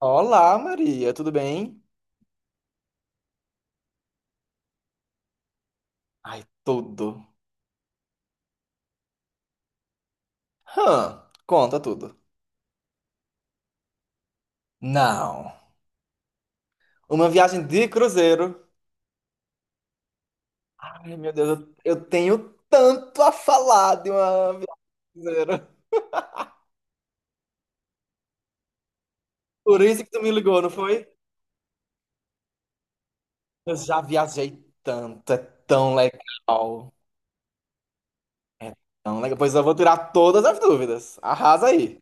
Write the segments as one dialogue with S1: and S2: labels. S1: Olá, Maria, tudo bem? Ai, tudo. Hã, conta tudo. Não. Uma viagem de cruzeiro. Ai, meu Deus, eu tenho tanto a falar de uma viagem de cruzeiro. Por isso que tu me ligou, não foi? Eu já viajei tanto, é tão legal. É tão legal. Pois eu vou tirar todas as dúvidas. Arrasa aí.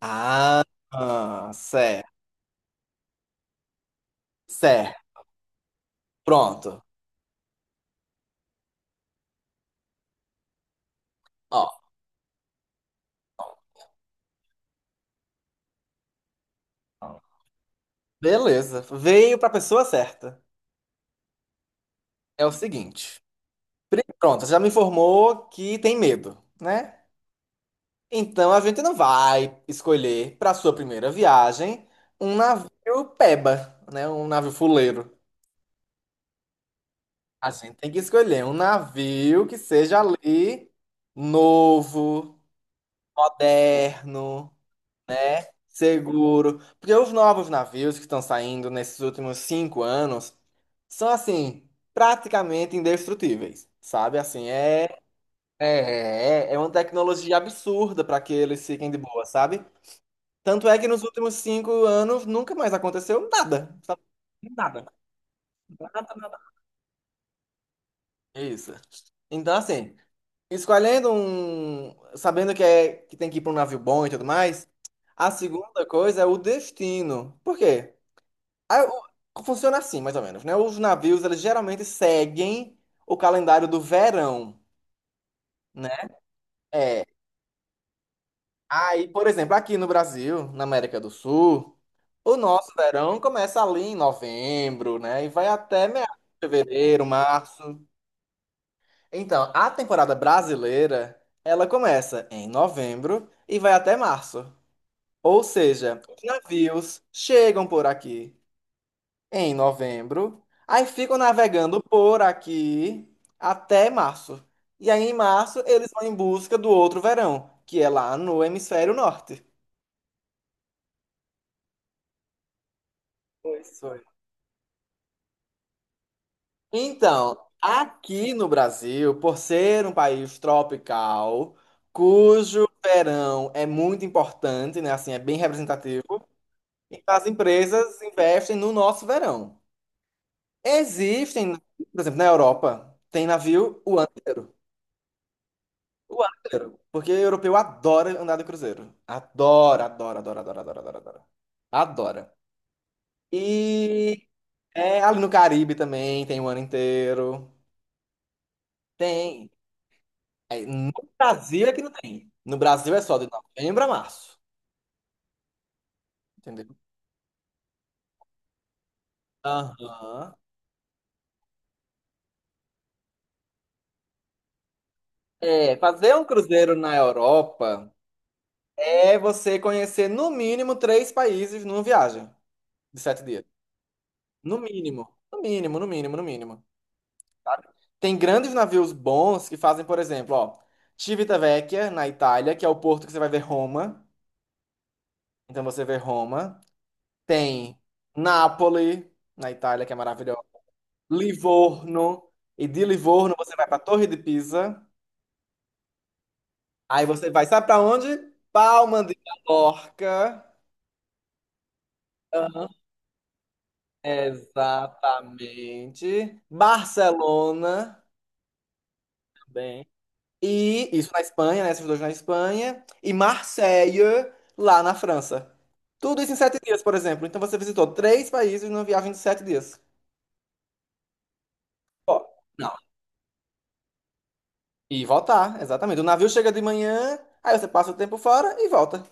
S1: Ah, ah, certo, certo. Pronto. Ó, beleza. Veio pra pessoa certa. É o seguinte. Pronto, você já me informou que tem medo, né? Então a gente não vai escolher para sua primeira viagem um navio peba, né? Um navio fuleiro. A gente tem que escolher um navio que seja ali novo, moderno, seguro. Porque os novos navios que estão saindo nesses últimos 5 anos são assim, praticamente indestrutíveis, sabe? Assim, é. É uma tecnologia absurda para que eles fiquem de boa, sabe? Tanto é que nos últimos 5 anos nunca mais aconteceu nada, sabe? Nada, nada, nada. Isso. Então, assim, escolhendo um, sabendo que é que tem que ir para um navio bom e tudo mais, a segunda coisa é o destino. Por quê? Ah, o- Funciona assim, mais ou menos, né? Os navios, eles geralmente seguem o calendário do verão, né? É. Aí, por exemplo, aqui no Brasil, na América do Sul. O nosso verão começa ali em novembro, né? E vai até meados de fevereiro, março. Então, a temporada brasileira, ela começa em novembro e vai até março. Ou seja, os navios chegam por aqui em novembro, aí ficam navegando por aqui até março. E aí, em março, eles vão em busca do outro verão, que é lá no hemisfério norte. Pois, foi. Então, aqui no Brasil, por ser um país tropical, cujo verão é muito importante, né? Assim, é bem representativo, então as empresas investem no nosso verão. Existem, por exemplo, na Europa, tem navio o ano inteiro. O ano inteiro. Porque europeu adora andar de cruzeiro. Adora, adora, adora, adora, adora, adora, adora. Adora. E é, ali no Caribe também tem o ano inteiro. Tem. Aí, no Brasil é que não tem. No Brasil é só de novembro a março. Entendeu? Aham. É, fazer um cruzeiro na Europa é você conhecer no mínimo três países numa viagem de 7 dias. No mínimo. No mínimo, no mínimo, no mínimo. Sabe? Tem grandes navios bons que fazem, por exemplo, ó, Civitavecchia, na Itália, que é o porto que você vai ver Roma. Então você vê Roma. Tem Nápoles, na Itália, que é maravilhosa. Livorno. E de Livorno você vai para a Torre de Pisa. Aí você vai, sabe para onde? Palma de Mallorca. Aham, exatamente. Barcelona também. E isso na Espanha, né? Esses dois na Espanha. E Marseille, lá na França. Tudo isso em 7 dias, por exemplo. Então você visitou três países numa viagem de sete dias. Ó, não. E voltar, exatamente. O navio chega de manhã, aí você passa o tempo fora e volta.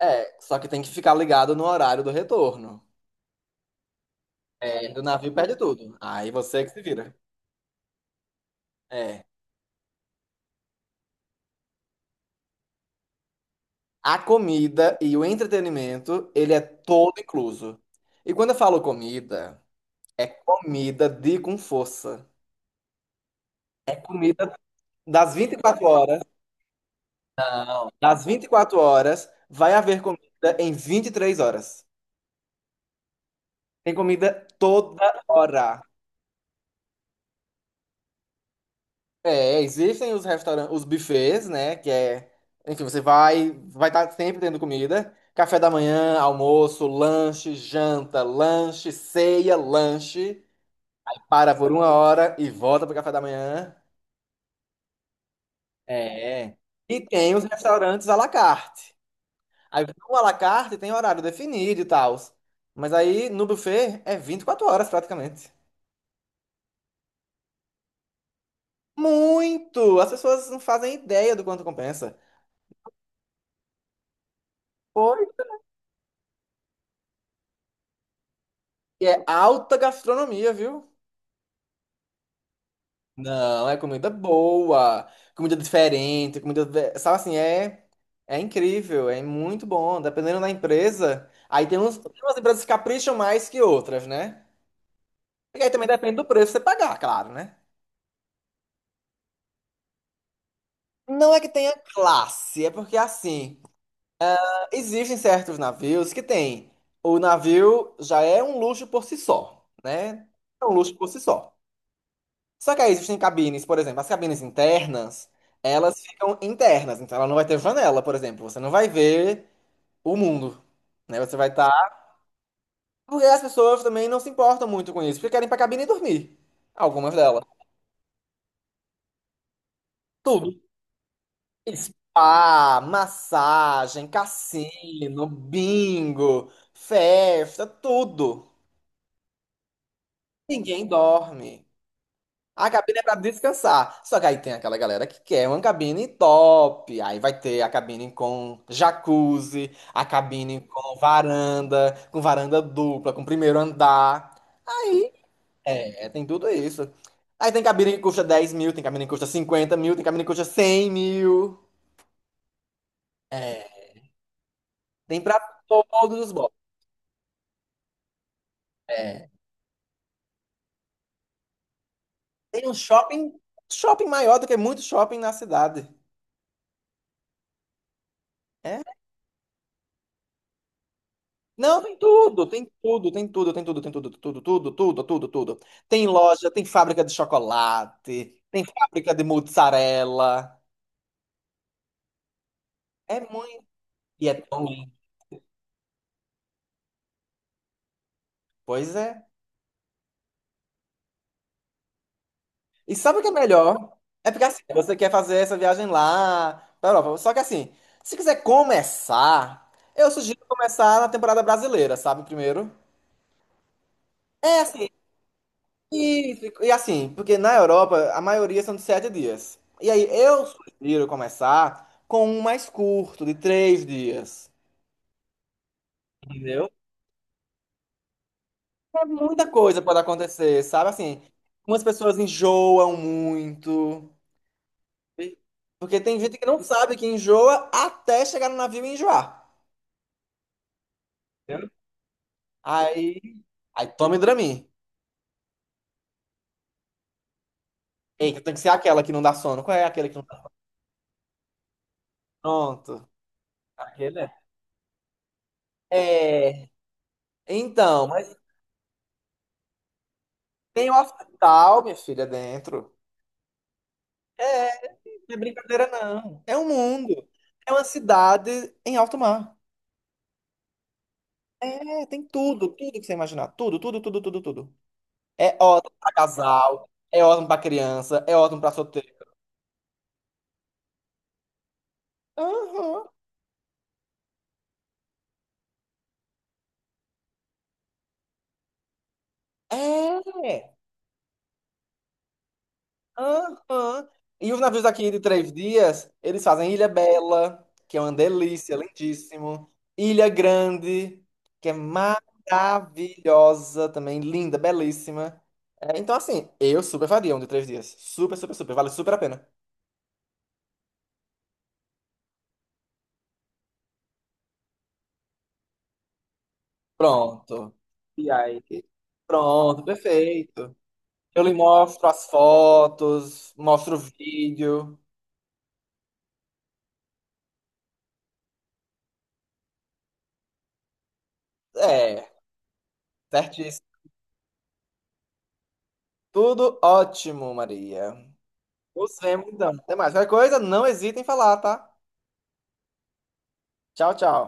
S1: É, só que tem que ficar ligado no horário do retorno. É, do navio perde tudo. Aí você que se vira. É. A comida e o entretenimento, ele é todo incluso. E quando eu falo comida, é comida de com força. É comida das 24 horas. Não. Das vinte e quatro horas, vai haver comida em 23 horas. Tem comida toda hora. É, existem os restaurantes, os buffets, né? Que é, enfim, você vai, vai estar sempre tendo comida. Café da manhã, almoço, lanche, janta, lanche, ceia, lanche. Para por 1 hora e volta pro café da manhã. É. E tem os restaurantes à la carte. Aí no à la carte tem horário definido e tal. Mas aí no buffet é 24 horas praticamente. Muito! As pessoas não fazem ideia do quanto compensa. Pois é alta gastronomia, viu? Não, é comida boa, comida diferente, comida, sabe assim, é é incrível, é muito bom, dependendo da empresa. Aí tem uns, tem umas empresas que capricham mais que outras, né? E aí também depende do preço que você pagar, claro, né? Não é que tenha classe, é porque assim, existem certos navios que tem. O navio já é um luxo por si só, né? É um luxo por si só. Só que aí existem cabines, por exemplo, as cabines internas, elas ficam internas, então ela não vai ter janela, por exemplo. Você não vai ver o mundo, né? Você vai estar. Porque as pessoas também não se importam muito com isso, porque querem ir pra cabine e dormir. Algumas delas. Tudo. Spa, massagem, cassino, bingo, festa, tudo. Ninguém dorme. A cabine é pra descansar. Só que aí tem aquela galera que quer uma cabine top. Aí vai ter a cabine com jacuzzi, a cabine com varanda dupla, com primeiro andar. Aí, é, tem tudo isso. Aí tem cabine que custa 10.000, tem cabine que custa 50.000, tem cabine que custa 100.000. É, tem pra todos os bolsos. É, tem um shopping, shopping maior do que muito shopping na cidade. É. Não, tem tudo, tem tudo, tem tudo, tem tudo, tem tudo, tudo, tudo, tudo, tudo, tudo. Tem loja, tem fábrica de chocolate, tem fábrica de mozzarella. É muito. E é tão lindo. Pois é. E sabe o que é melhor? É porque assim, você quer fazer essa viagem lá pra Europa. Só que assim, se quiser começar, eu sugiro começar na temporada brasileira, sabe? Primeiro. É assim, isso, e assim, porque na Europa a maioria são de sete dias. E aí eu sugiro começar com um mais curto, de 3 dias. Entendeu? É muita coisa pode acontecer, sabe? Assim, umas pessoas enjoam muito. Porque tem gente que não sabe que enjoa até chegar no navio e enjoar. Entendeu? Aí, aí tome Dramin. Eita, tem que ser aquela que não dá sono. Qual é aquela que não dá sono? Pronto. Aquele é. É. Então, mas tem um hospital, minha filha, dentro. É, não é brincadeira, não. É um mundo. É uma cidade em alto mar. É, tem tudo, tudo que você imaginar. Tudo, tudo, tudo, tudo, tudo. É ótimo pra casal, é ótimo pra criança, é ótimo pra solteiro. Aham. É. Aham. E os navios daqui de 3 dias, eles fazem Ilha Bela, que é uma delícia, lindíssimo. Ilha Grande, que é maravilhosa também, linda, belíssima. É, então, assim, eu super faria um de 3 dias. Super, super, super. Vale super a pena. Pronto. E aí? Pronto, perfeito. Eu lhe mostro as fotos, mostro o vídeo. É, certíssimo. Tudo ótimo, Maria. Nos vemos, então. Até mais. Qualquer coisa, não hesitem em falar, tá? Tchau, tchau.